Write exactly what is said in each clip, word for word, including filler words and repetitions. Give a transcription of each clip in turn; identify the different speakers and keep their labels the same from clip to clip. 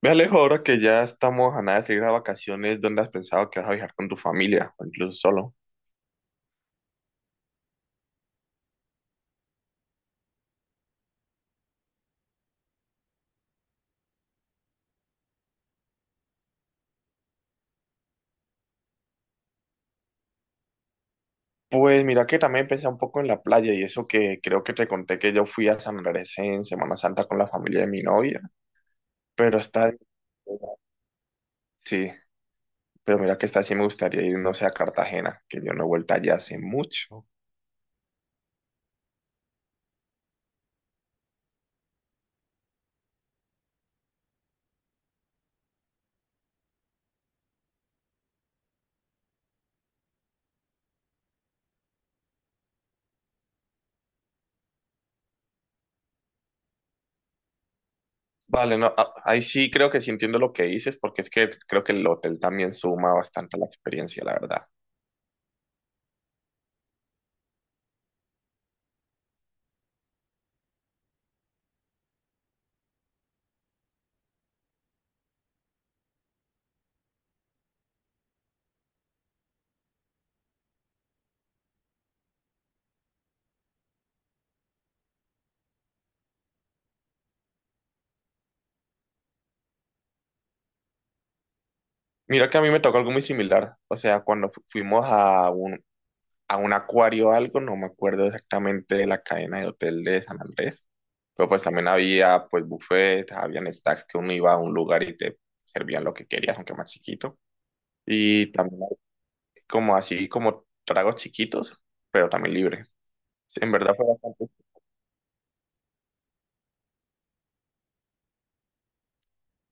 Speaker 1: Me alejo ahora que ya estamos a nada de salir a vacaciones, ¿dónde has pensado que vas a viajar con tu familia o incluso solo? Pues mira que también pensé un poco en la playa y eso que creo que te conté que yo fui a San Andrés en Semana Santa con la familia de mi novia, pero está... Sí, pero mira que esta sí me gustaría ir, no sé, a Cartagena, que yo no he vuelto allá hace mucho. Vale, no, a- ahí sí creo que sí entiendo lo que dices, porque es que creo que el hotel también suma bastante a la experiencia, la verdad. Mira que a mí me tocó algo muy similar, o sea, cuando fu- fuimos a un, a un acuario o algo, no me acuerdo exactamente de la cadena de hotel de San Andrés, pero pues también había pues buffet, habían stacks que uno iba a un lugar y te servían lo que querías, aunque más chiquito, y también hay como así como tragos chiquitos, pero también libre. Sí, En verdad fue bastante.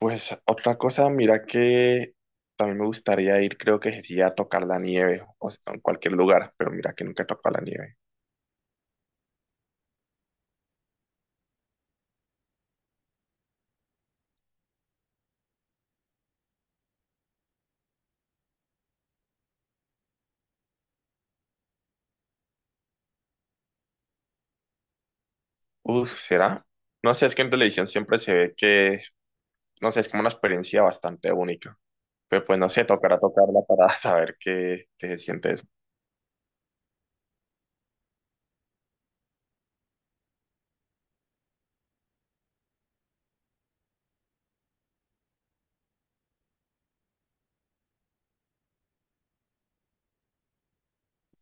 Speaker 1: Pues otra cosa, mira que también me gustaría ir, creo que sería a tocar la nieve, o sea, en cualquier lugar, pero mira que nunca he tocado la nieve. Uf, ¿será? No sé, es que en televisión siempre se ve que no sé, es como una experiencia bastante única. Pero pues no sé, tocará tocarla para saber qué, qué se siente eso.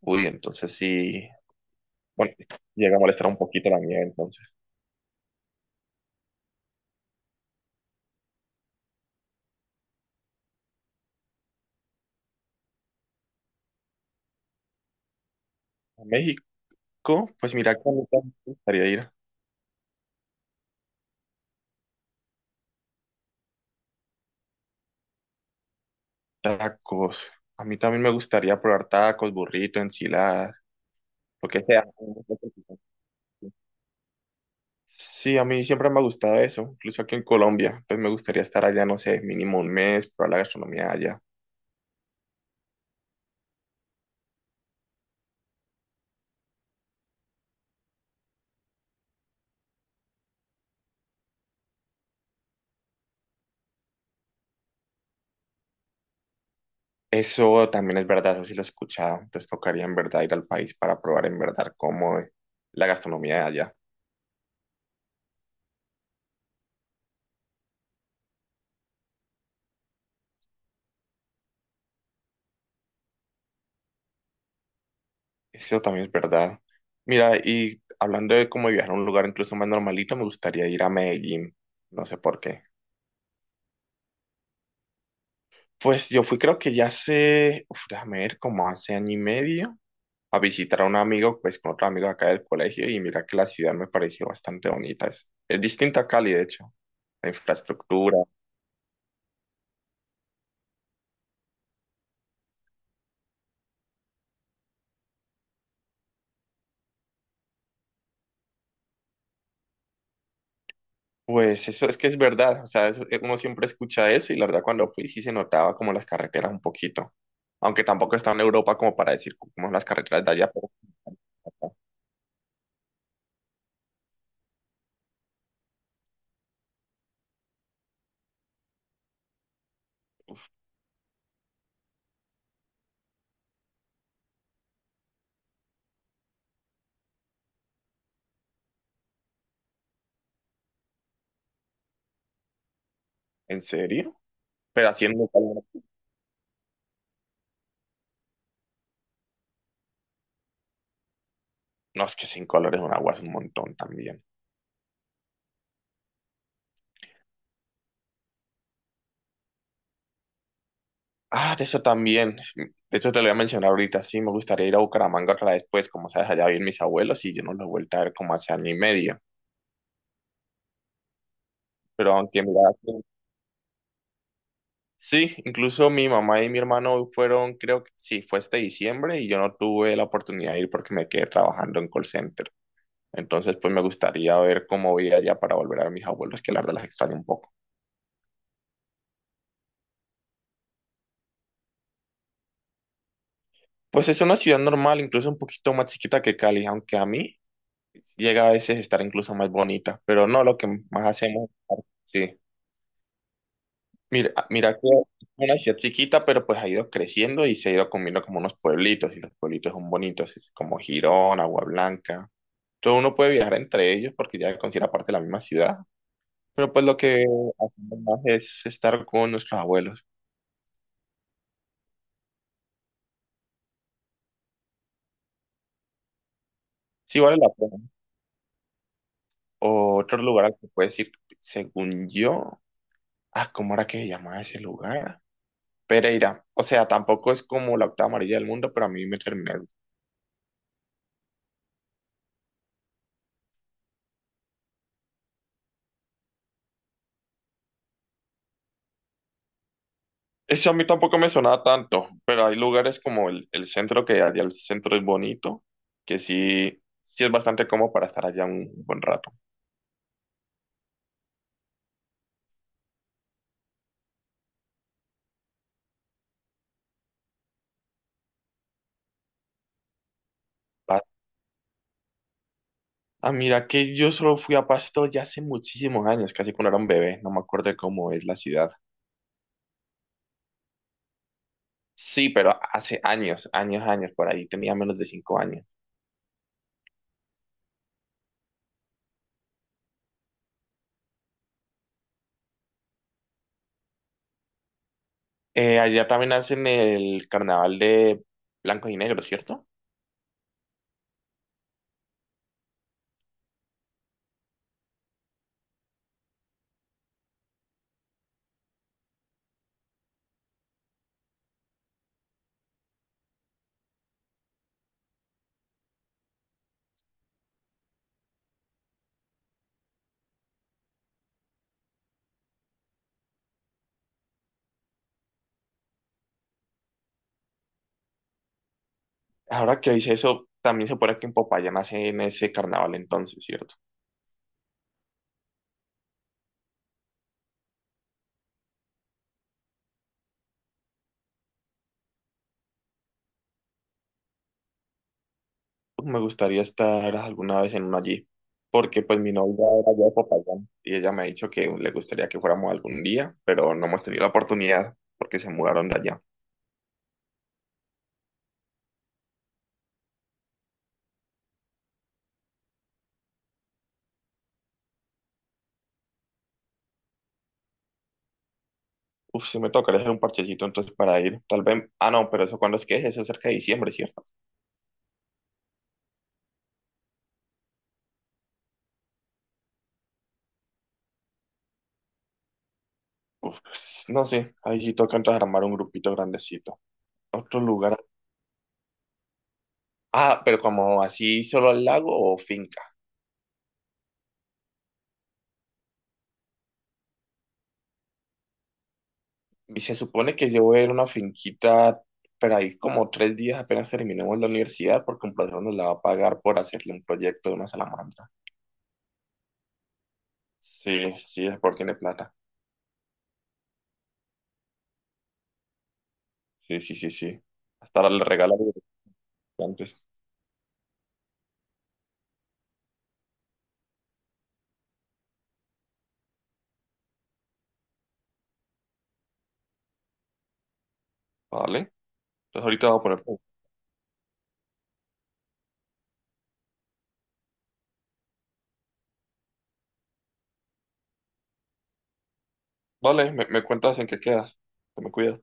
Speaker 1: Uy, entonces sí, bueno, llega a molestar un poquito la nieve entonces. A México, pues mira que a mí también me gustaría ir. Tacos. A mí también me gustaría probar tacos, burrito, enchiladas, lo que sea. Sí, a mí siempre me ha gustado eso, incluso aquí en Colombia, pues me gustaría estar allá, no sé, mínimo un mes, probar la gastronomía allá. Eso también es verdad, eso sí lo he escuchado. Entonces tocaría en verdad ir al país para probar en verdad cómo es la gastronomía de allá. Eso también es verdad. Mira, y hablando de cómo viajar a un lugar incluso más normalito, me gustaría ir a Medellín. No sé por qué. Pues yo fui creo que ya hace, uf, déjame ver, como hace año y medio, a visitar a un amigo, pues con otro amigo acá del colegio, y mira que la ciudad me pareció bastante bonita. Es, es distinta a Cali, de hecho. La infraestructura, pues eso es que es verdad, o sea, eso- eh, uno siempre escucha eso y la verdad cuando fui sí se notaba como las carreteras un poquito, aunque tampoco está en Europa como para decir como las carreteras de allá, pero ¿en serio? Pero haciendo no es que cinco dólares un agua es un montón también. Ah, de eso también, de hecho te lo voy a mencionar ahorita, sí, me gustaría ir a Bucaramanga otra vez, pues como sabes, allá viven mis abuelos y yo no los he vuelto a ver como hace año y medio, pero aunque mira, sí, incluso mi mamá y mi hermano fueron, creo que sí, fue este diciembre y yo no tuve la oportunidad de ir porque me quedé trabajando en call center. Entonces, pues me gustaría ver cómo voy allá para volver a ver mis abuelos, que la verdad las extraño un poco. Pues es una ciudad normal, incluso un poquito más chiquita que Cali, aunque a mí llega a veces a estar incluso más bonita, pero no lo que más hacemos. Sí, mira, ah, mira que es una ciudad chiquita, pero pues ha ido creciendo y se ha ido comiendo como unos pueblitos y los pueblitos son bonitos, es como Girón, Agua Blanca. Todo uno puede viajar entre ellos porque ya considera parte de la misma ciudad. Pero pues lo que hacemos más es estar con nuestros abuelos. Sí vale la pena. Otro lugar al que puedes ir, según yo. Ah, ¿cómo era que se llamaba ese lugar? Pereira. O sea, tampoco es como la octava amarilla del mundo, pero a mí me terminó. Ese a mí tampoco me sonaba tanto, pero hay lugares como el, el centro, que allá el centro es bonito, que sí, sí es bastante cómodo para estar allá un buen rato. Ah, mira, que yo solo fui a Pasto ya hace muchísimos años, casi cuando era un bebé, no me acuerdo de cómo es la ciudad. Sí, pero hace años, años, años, por ahí tenía menos de cinco años. Eh, allá también hacen el carnaval de Blanco y Negro, ¿cierto? Ahora que hice eso, también se supone que en Popayán hacen ese carnaval entonces, ¿cierto? Me gustaría estar alguna vez en uno allí, porque pues mi novia era allá de Popayán y ella me ha dicho que le gustaría que fuéramos algún día, pero no hemos tenido la oportunidad porque se mudaron de allá. Uf, sí me tocaría hacer un parchecito entonces para ir. Tal vez. Ah, no, pero eso cuando es que es, eso es cerca de diciembre, ¿cierto? Uf, pues, no sé. Ahí sí toca entonces armar un grupito grandecito. Otro lugar. Ah, pero como así solo al lago o finca. Y se supone que yo voy a ir a una finquita, pero ahí como tres días apenas terminemos la universidad, porque un profesor nos la va a pagar por hacerle un proyecto de una salamandra. Sí, sí, es porque tiene plata. Sí, sí, sí, sí. Hasta ahora le regalo antes. Vale. Entonces ahorita voy a poner. Vale, me, me cuentas en qué quedas. Te me cuidas.